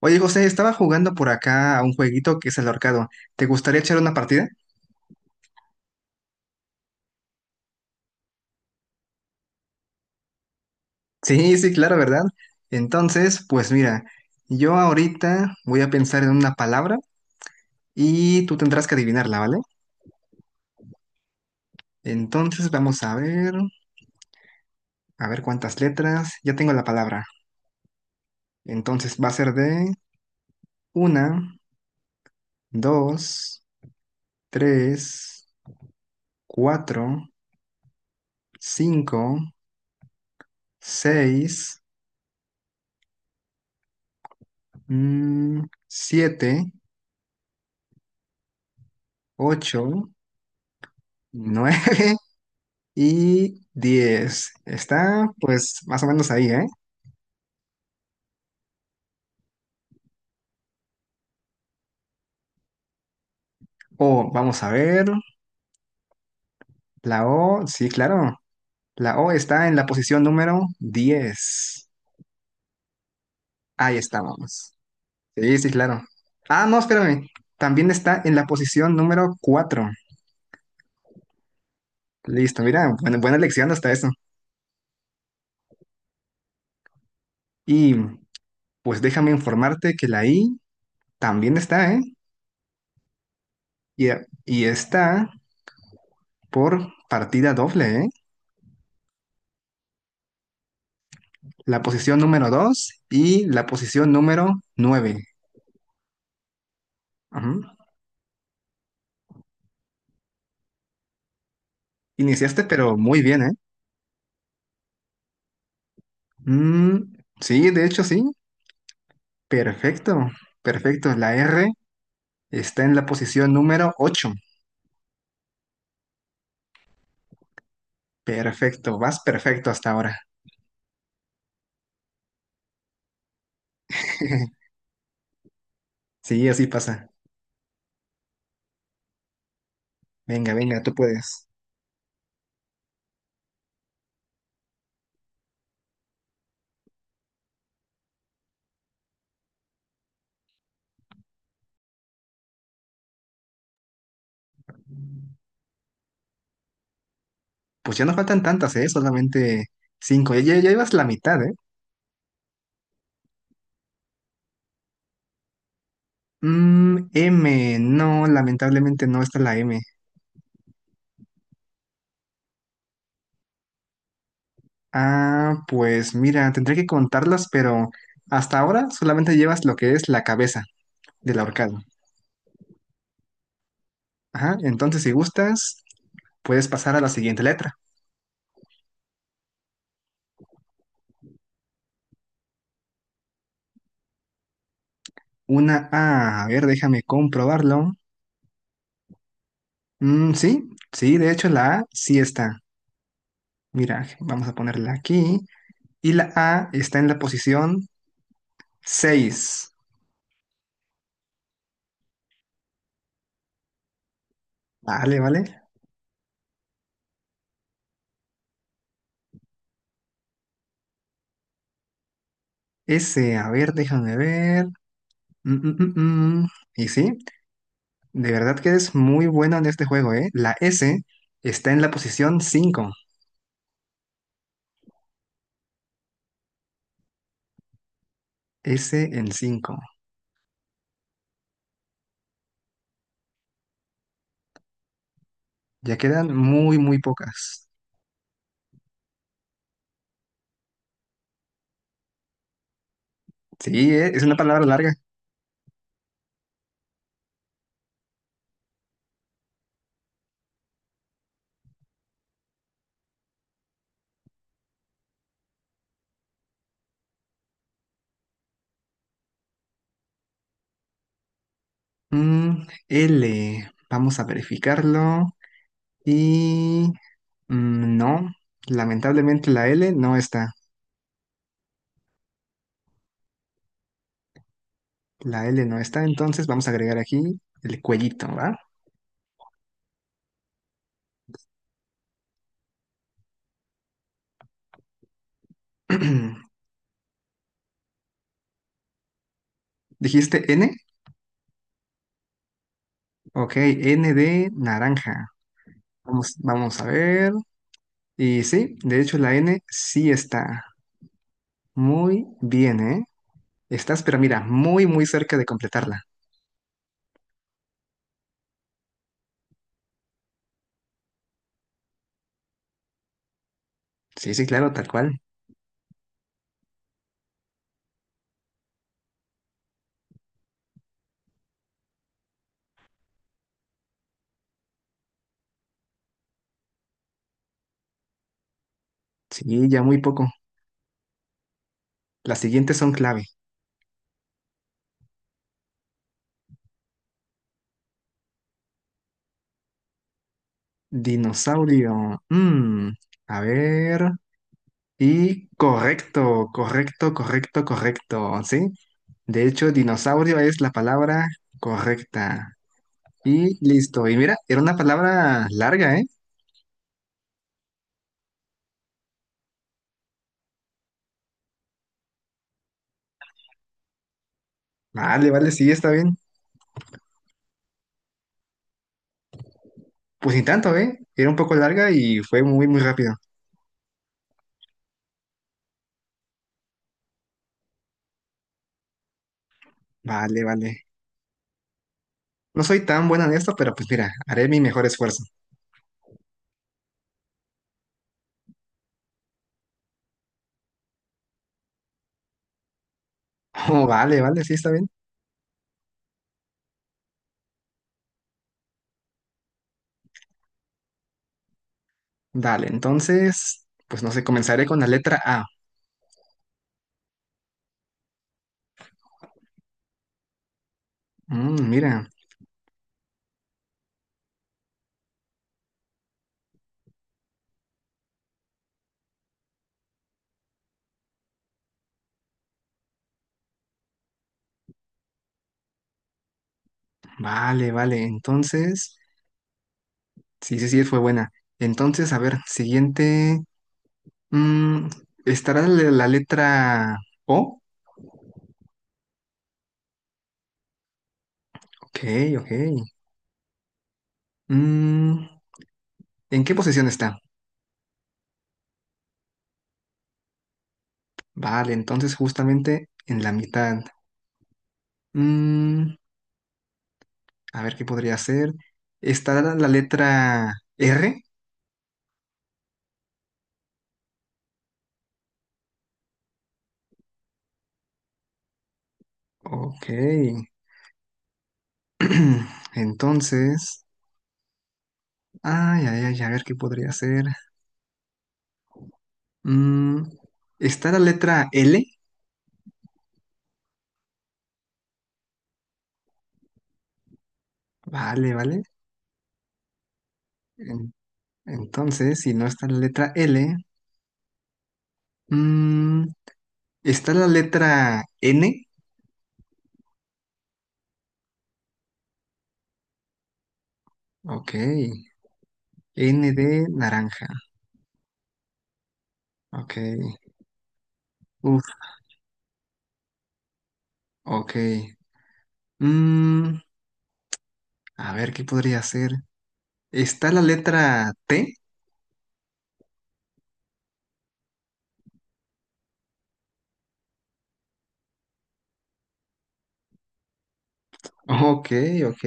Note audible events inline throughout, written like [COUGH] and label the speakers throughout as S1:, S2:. S1: Oye, José, estaba jugando por acá a un jueguito que es el ahorcado. ¿Te gustaría echar una partida? Sí, sí, claro, ¿verdad? Entonces, pues mira, yo ahorita voy a pensar en una palabra y tú tendrás que adivinarla, ¿vale? Entonces, vamos a ver cuántas letras. Ya tengo la palabra. Entonces, va a ser de una, dos, tres, cuatro, cinco, seis, mm, siete, ocho, nueve. [LAUGHS] Y 10. Está pues más o menos ahí, ¿eh? O, vamos a ver. La O, sí, claro. La O está en la posición número 10. Ahí estábamos. Sí, sí, claro. Ah, no, espérame. También está en la posición número cuatro. Listo, mira, buena, buena lección hasta eso. Y pues déjame informarte que la I también está, ¿eh? Y, y está por partida doble, ¿eh? La posición número 2 y la posición número nueve. Ajá. Iniciaste, pero muy bien, ¿eh? Mm, sí, de hecho sí. Perfecto, perfecto. La R está en la posición número 8. Perfecto, vas perfecto hasta ahora. [LAUGHS] Sí, así pasa. Venga, venga, tú puedes. Pues ya no faltan tantas, ¿eh? Solamente cinco. Ya, ya, ya ibas la mitad, ¿eh? M, no, lamentablemente no está la M. Ah, pues mira, tendré que contarlas, pero hasta ahora solamente llevas lo que es la cabeza del ahorcado. Ajá, entonces si gustas, puedes pasar a la siguiente letra. Una A, a ver, déjame comprobarlo. Sí, sí, de hecho la A sí está. Mira, vamos a ponerla aquí. Y la A está en la posición 6. Vale, vale. S, a ver, déjame ver. Mm, mm, mm, mm. Y sí, de verdad que es muy bueno en este juego, ¿eh? La S está en la posición 5. S en 5. Ya quedan muy, muy pocas. Sí, ¿eh? Es una palabra larga. L, vamos a verificarlo. Y no, lamentablemente la L no está. La L no está, entonces vamos a agregar aquí el cuellito, ¿va? [CLEARS THROAT] ¿Dijiste N? Ok, N de naranja. Vamos, vamos a ver. Y sí, de hecho la N sí está. Muy bien, ¿eh? Estás, pero mira, muy, muy cerca de completarla. Sí, sí, claro, tal cual. Sí, ya muy poco. Las siguientes son clave. Dinosaurio. A ver. Y correcto, correcto, correcto, correcto. ¿Sí? De hecho, dinosaurio es la palabra correcta. Y listo. Y mira, era una palabra larga, ¿eh? Vale, vale, sí, está bien. Pues ni tanto, ¿eh? Era un poco larga y fue muy, muy rápido. Vale, vale. No soy tan buena en esto, pero pues mira, haré mi mejor esfuerzo. [LAUGHS] Oh, vale, vale, sí, está bien. Dale, entonces, pues no sé, comenzaré con la letra A. Mira. Vale, vale. Entonces, sí, sí, sí, fue buena. Entonces, a ver, siguiente. mm, ¿Estará la letra O? Ok, ok. Mm, ¿En qué posición está? Vale, entonces justamente en la mitad. Mm, a ver, ¿qué podría ser? ¿Estará la letra R? Ok. [CLEARS THROAT] Entonces, ay, ay, ay, a ver, ¿qué podría ser? Mm, ¿Está la letra L? Vale, vale. Entonces, si no está la letra L, mm, está la letra N. Ok. N de naranja. Ok. Uf, ok. Mm, a ver, ¿qué podría ser? ¿Está la letra T? Ok, ok.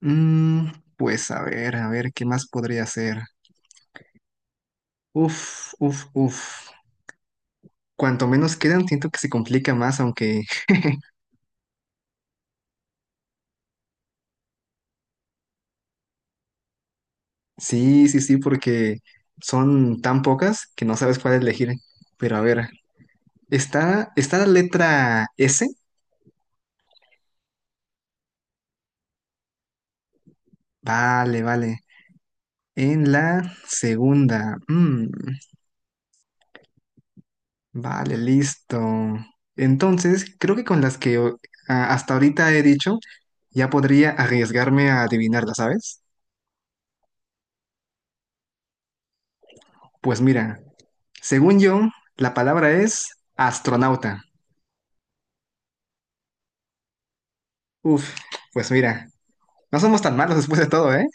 S1: Mm, pues a ver, ¿qué más podría ser? Uf, uf, uf. Cuanto menos quedan, siento que se complica más, aunque [LAUGHS] Sí, sí, sí, porque son tan pocas que no sabes cuál elegir. Pero a ver, está, está la letra S. Vale, vale. En la segunda. Vale, listo. Entonces, creo que con las que hasta ahorita he dicho, ya podría arriesgarme a adivinarla, ¿sabes? Pues mira, según yo, la palabra es astronauta. Uf, pues mira, no somos tan malos después de todo, ¿eh?